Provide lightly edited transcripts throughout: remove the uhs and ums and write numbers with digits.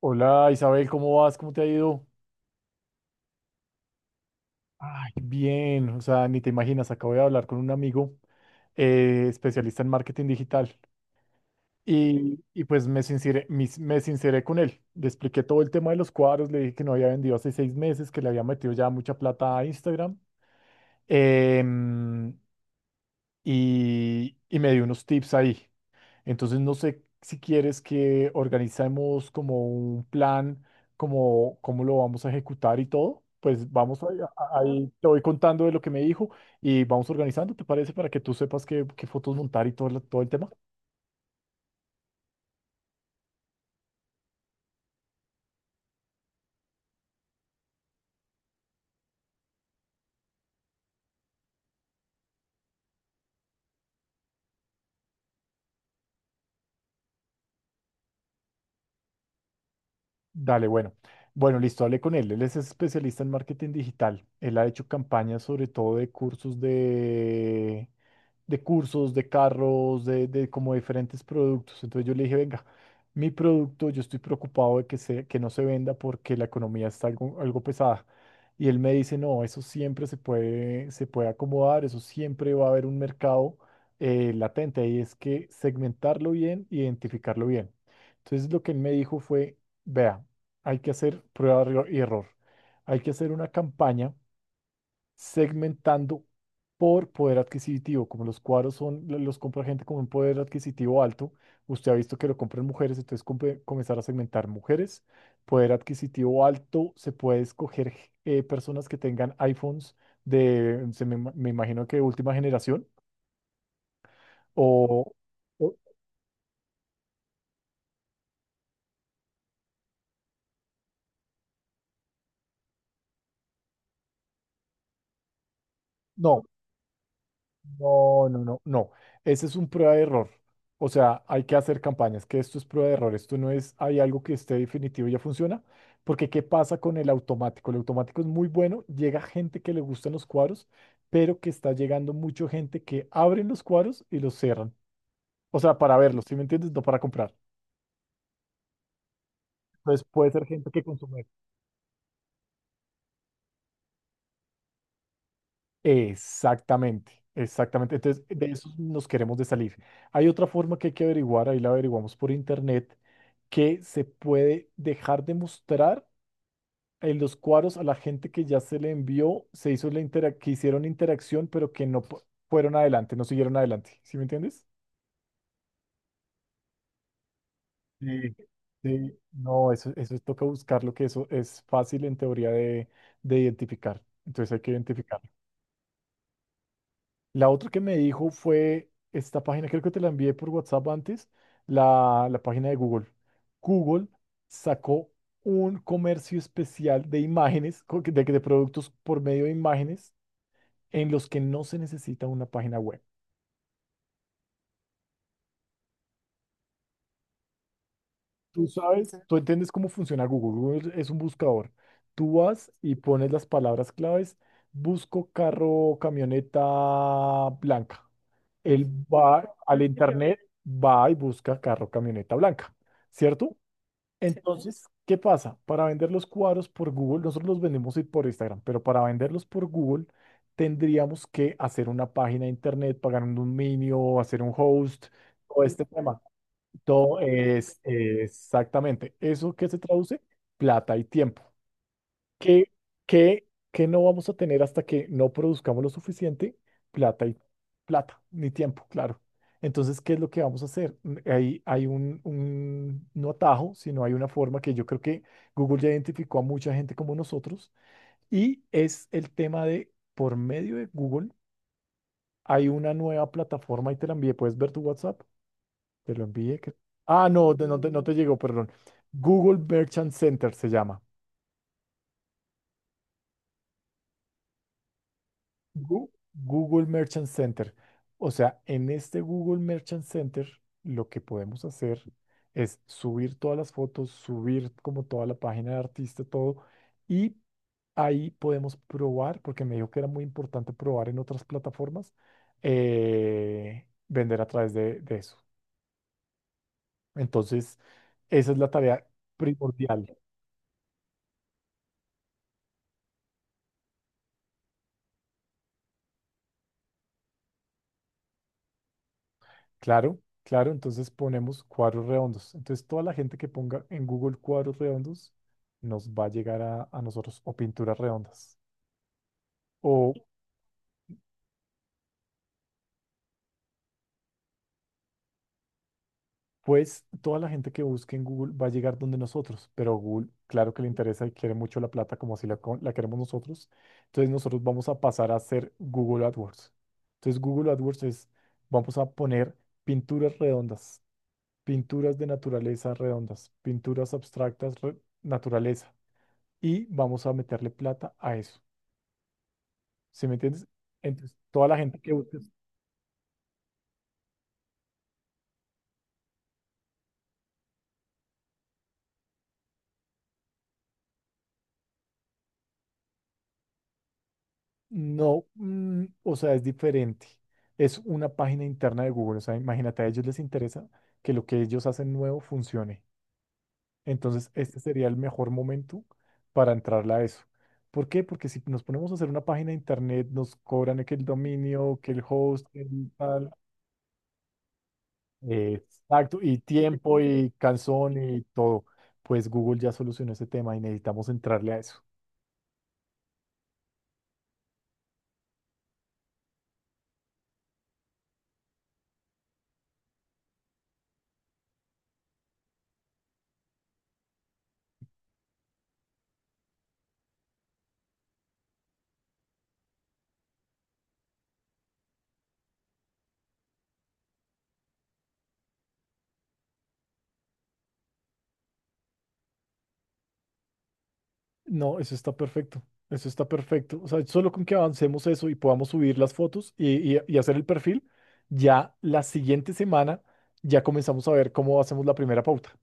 Hola Isabel, ¿cómo vas? ¿Cómo te ha ido? Ay, bien, o sea, ni te imaginas, acabo de hablar con un amigo, especialista en marketing digital y pues me sinceré, me sinceré con él, le expliqué todo el tema de los cuadros, le dije que no había vendido hace 6 meses, que le había metido ya mucha plata a Instagram. em, y me dio unos tips ahí. Entonces, no sé si quieres que organicemos como un plan, como cómo lo vamos a ejecutar y todo. Pues vamos ahí, ahí te voy contando de lo que me dijo y vamos organizando, ¿te parece? Para que tú sepas qué fotos montar y todo, todo el tema. Dale, bueno. Bueno, listo, hablé con él. Él es especialista en marketing digital. Él ha hecho campañas sobre todo de de, cursos, de carros, de como diferentes productos. Entonces yo le dije, venga, mi producto, yo estoy preocupado de que no se venda porque la economía está algo pesada. Y él me dice, no, eso siempre se puede acomodar, eso siempre va a haber un mercado latente. Y es que segmentarlo bien, identificarlo bien. Entonces lo que él me dijo fue: Vea, hay que hacer prueba y error. Hay que hacer una campaña segmentando por poder adquisitivo. Como los cuadros son, los compra gente con un poder adquisitivo alto, usted ha visto que lo compran mujeres, entonces comenzar a segmentar mujeres, poder adquisitivo alto, se puede escoger personas que tengan iPhones de, me imagino que última generación, o, o- no. No, no, no, no. Ese es un prueba de error. O sea, hay que hacer campañas, que esto es prueba de error. Esto no es, hay algo que esté definitivo y ya funciona. Porque, ¿qué pasa con el automático? El automático es muy bueno, llega gente que le gustan los cuadros, pero que está llegando mucha gente que abren los cuadros y los cierran. O sea, para verlos, ¿sí me entiendes? No para comprar. Entonces, puede ser gente que consume. Exactamente, exactamente. Entonces, de eso nos queremos de salir. Hay otra forma que hay que averiguar, ahí la averiguamos por internet, que se puede dejar de mostrar en los cuadros a la gente que ya se le envió, se hizo que hicieron interacción, pero que fueron adelante, no siguieron adelante. ¿Sí me entiendes? Sí, sí. No, eso toca buscarlo, que eso es fácil en teoría de identificar. Entonces hay que identificarlo. La otra que me dijo fue esta página, creo que te la envié por WhatsApp antes, la página de Google. Google sacó un comercio especial de imágenes, de productos por medio de imágenes, en los que no se necesita una página web. Tú sabes, tú entiendes cómo funciona Google. Google es un buscador. Tú vas y pones las palabras claves, busco carro, camioneta blanca. Él va al internet, va y busca carro camioneta blanca, ¿cierto? Entonces, ¿qué pasa? Para vender los cuadros por Google, nosotros los vendemos por Instagram, pero para venderlos por Google tendríamos que hacer una página de internet, pagar un dominio, hacer un host, todo este tema. Todo es, exactamente eso que se traduce, plata y tiempo que, que no vamos a tener hasta que no produzcamos lo suficiente plata y plata, ni tiempo, claro. Entonces, ¿qué es lo que vamos a hacer? Mm, hay no atajo, sino hay una forma que yo creo que Google ya identificó a mucha gente como nosotros y es el tema de, por medio de Google, hay una nueva plataforma y te la envié. ¿Puedes ver tu WhatsApp? Te lo envié. Ah, no, no te llegó, perdón. Google Merchant Center se llama. Google Merchant Center. O sea, en este Google Merchant Center lo que podemos hacer es subir todas las fotos, subir como toda la página de artista, todo, y ahí podemos probar, porque me dijo que era muy importante probar en otras plataformas, vender a través de eso. Entonces, esa es la tarea primordial. Claro, claro, entonces ponemos cuadros redondos. Entonces toda la gente que ponga en Google cuadros redondos nos va a llegar a nosotros o pinturas redondas. O pues toda la gente que busque en Google va a llegar donde nosotros, pero Google claro que le interesa y quiere mucho la plata como si la queremos nosotros. Entonces nosotros vamos a pasar a hacer Google AdWords. Entonces Google AdWords es, vamos a poner pinturas redondas, pinturas de naturaleza redondas, naturaleza y vamos a meterle plata a eso. ¿Sí me entiendes? Entonces, toda la gente que busca, no, mm, o sea, es diferente. Es una página interna de Google. O sea, imagínate, a ellos les interesa que lo que ellos hacen nuevo funcione. Entonces, este sería el mejor momento para entrarle a eso. ¿Por qué? Porque si nos ponemos a hacer una página de internet, nos cobran que el dominio, que el host, el tal, exacto, y tiempo, y canción, y todo. Pues Google ya solucionó ese tema y necesitamos entrarle a eso. No, eso está perfecto. Eso está perfecto. O sea, solo con que avancemos eso y podamos subir las fotos y hacer el perfil, ya la siguiente semana ya comenzamos a ver cómo hacemos la primera pauta.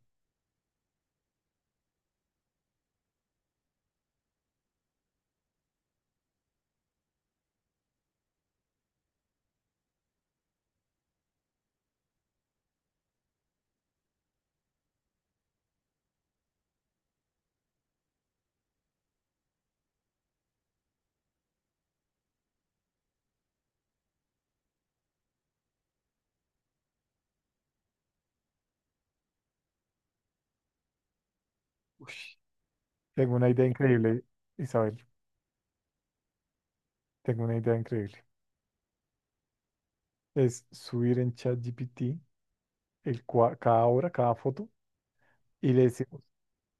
Ush. Tengo una idea increíble, Isabel. Tengo una idea increíble. Es subir en ChatGPT cada obra, cada foto y le decimos,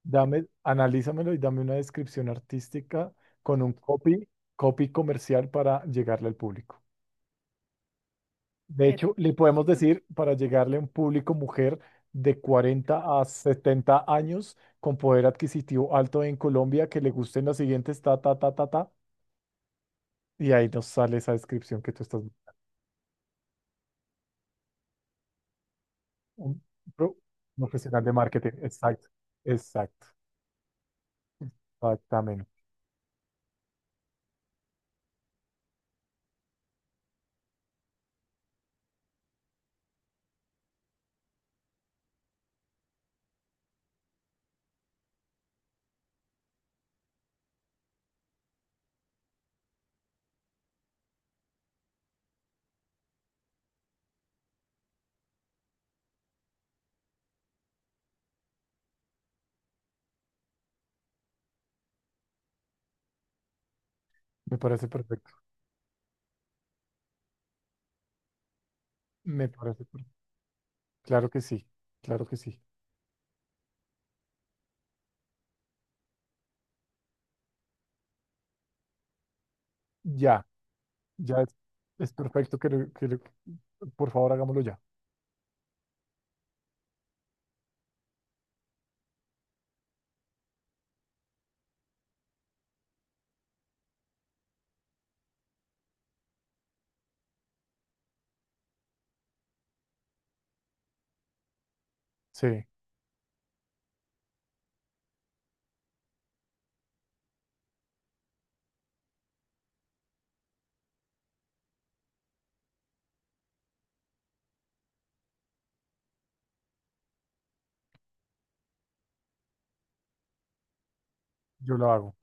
dame, analízamelo y dame una descripción artística con un copy, copy comercial para llegarle al público. De hecho, le podemos decir para llegarle a un público mujer de 40 a 70 años con poder adquisitivo alto en Colombia que le gusten las siguientes ta, ta, ta, ta, ta. Y ahí nos sale esa descripción que tú estás. Un pro- profesional de marketing. Exacto. Exacto. Exactamente. Me parece perfecto. Me parece per- Claro que sí. Claro que sí. Ya. Ya es, es perfecto que lo, por favor hagámoslo ya. Sí, yo lo hago.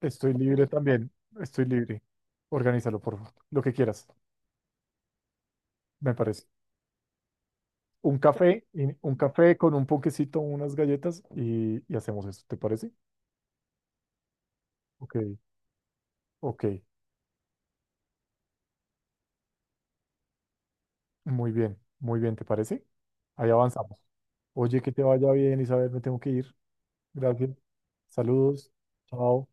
Estoy libre también. Estoy libre. Organízalo, por favor. Lo que quieras, me parece. Un café, y un café con un ponquecito, unas galletas y hacemos eso. ¿Te parece? Ok, ok. Muy bien, ¿te parece? Ahí avanzamos. Oye, que te vaya bien, Isabel. Me tengo que ir. Gracias. Saludos. Chao.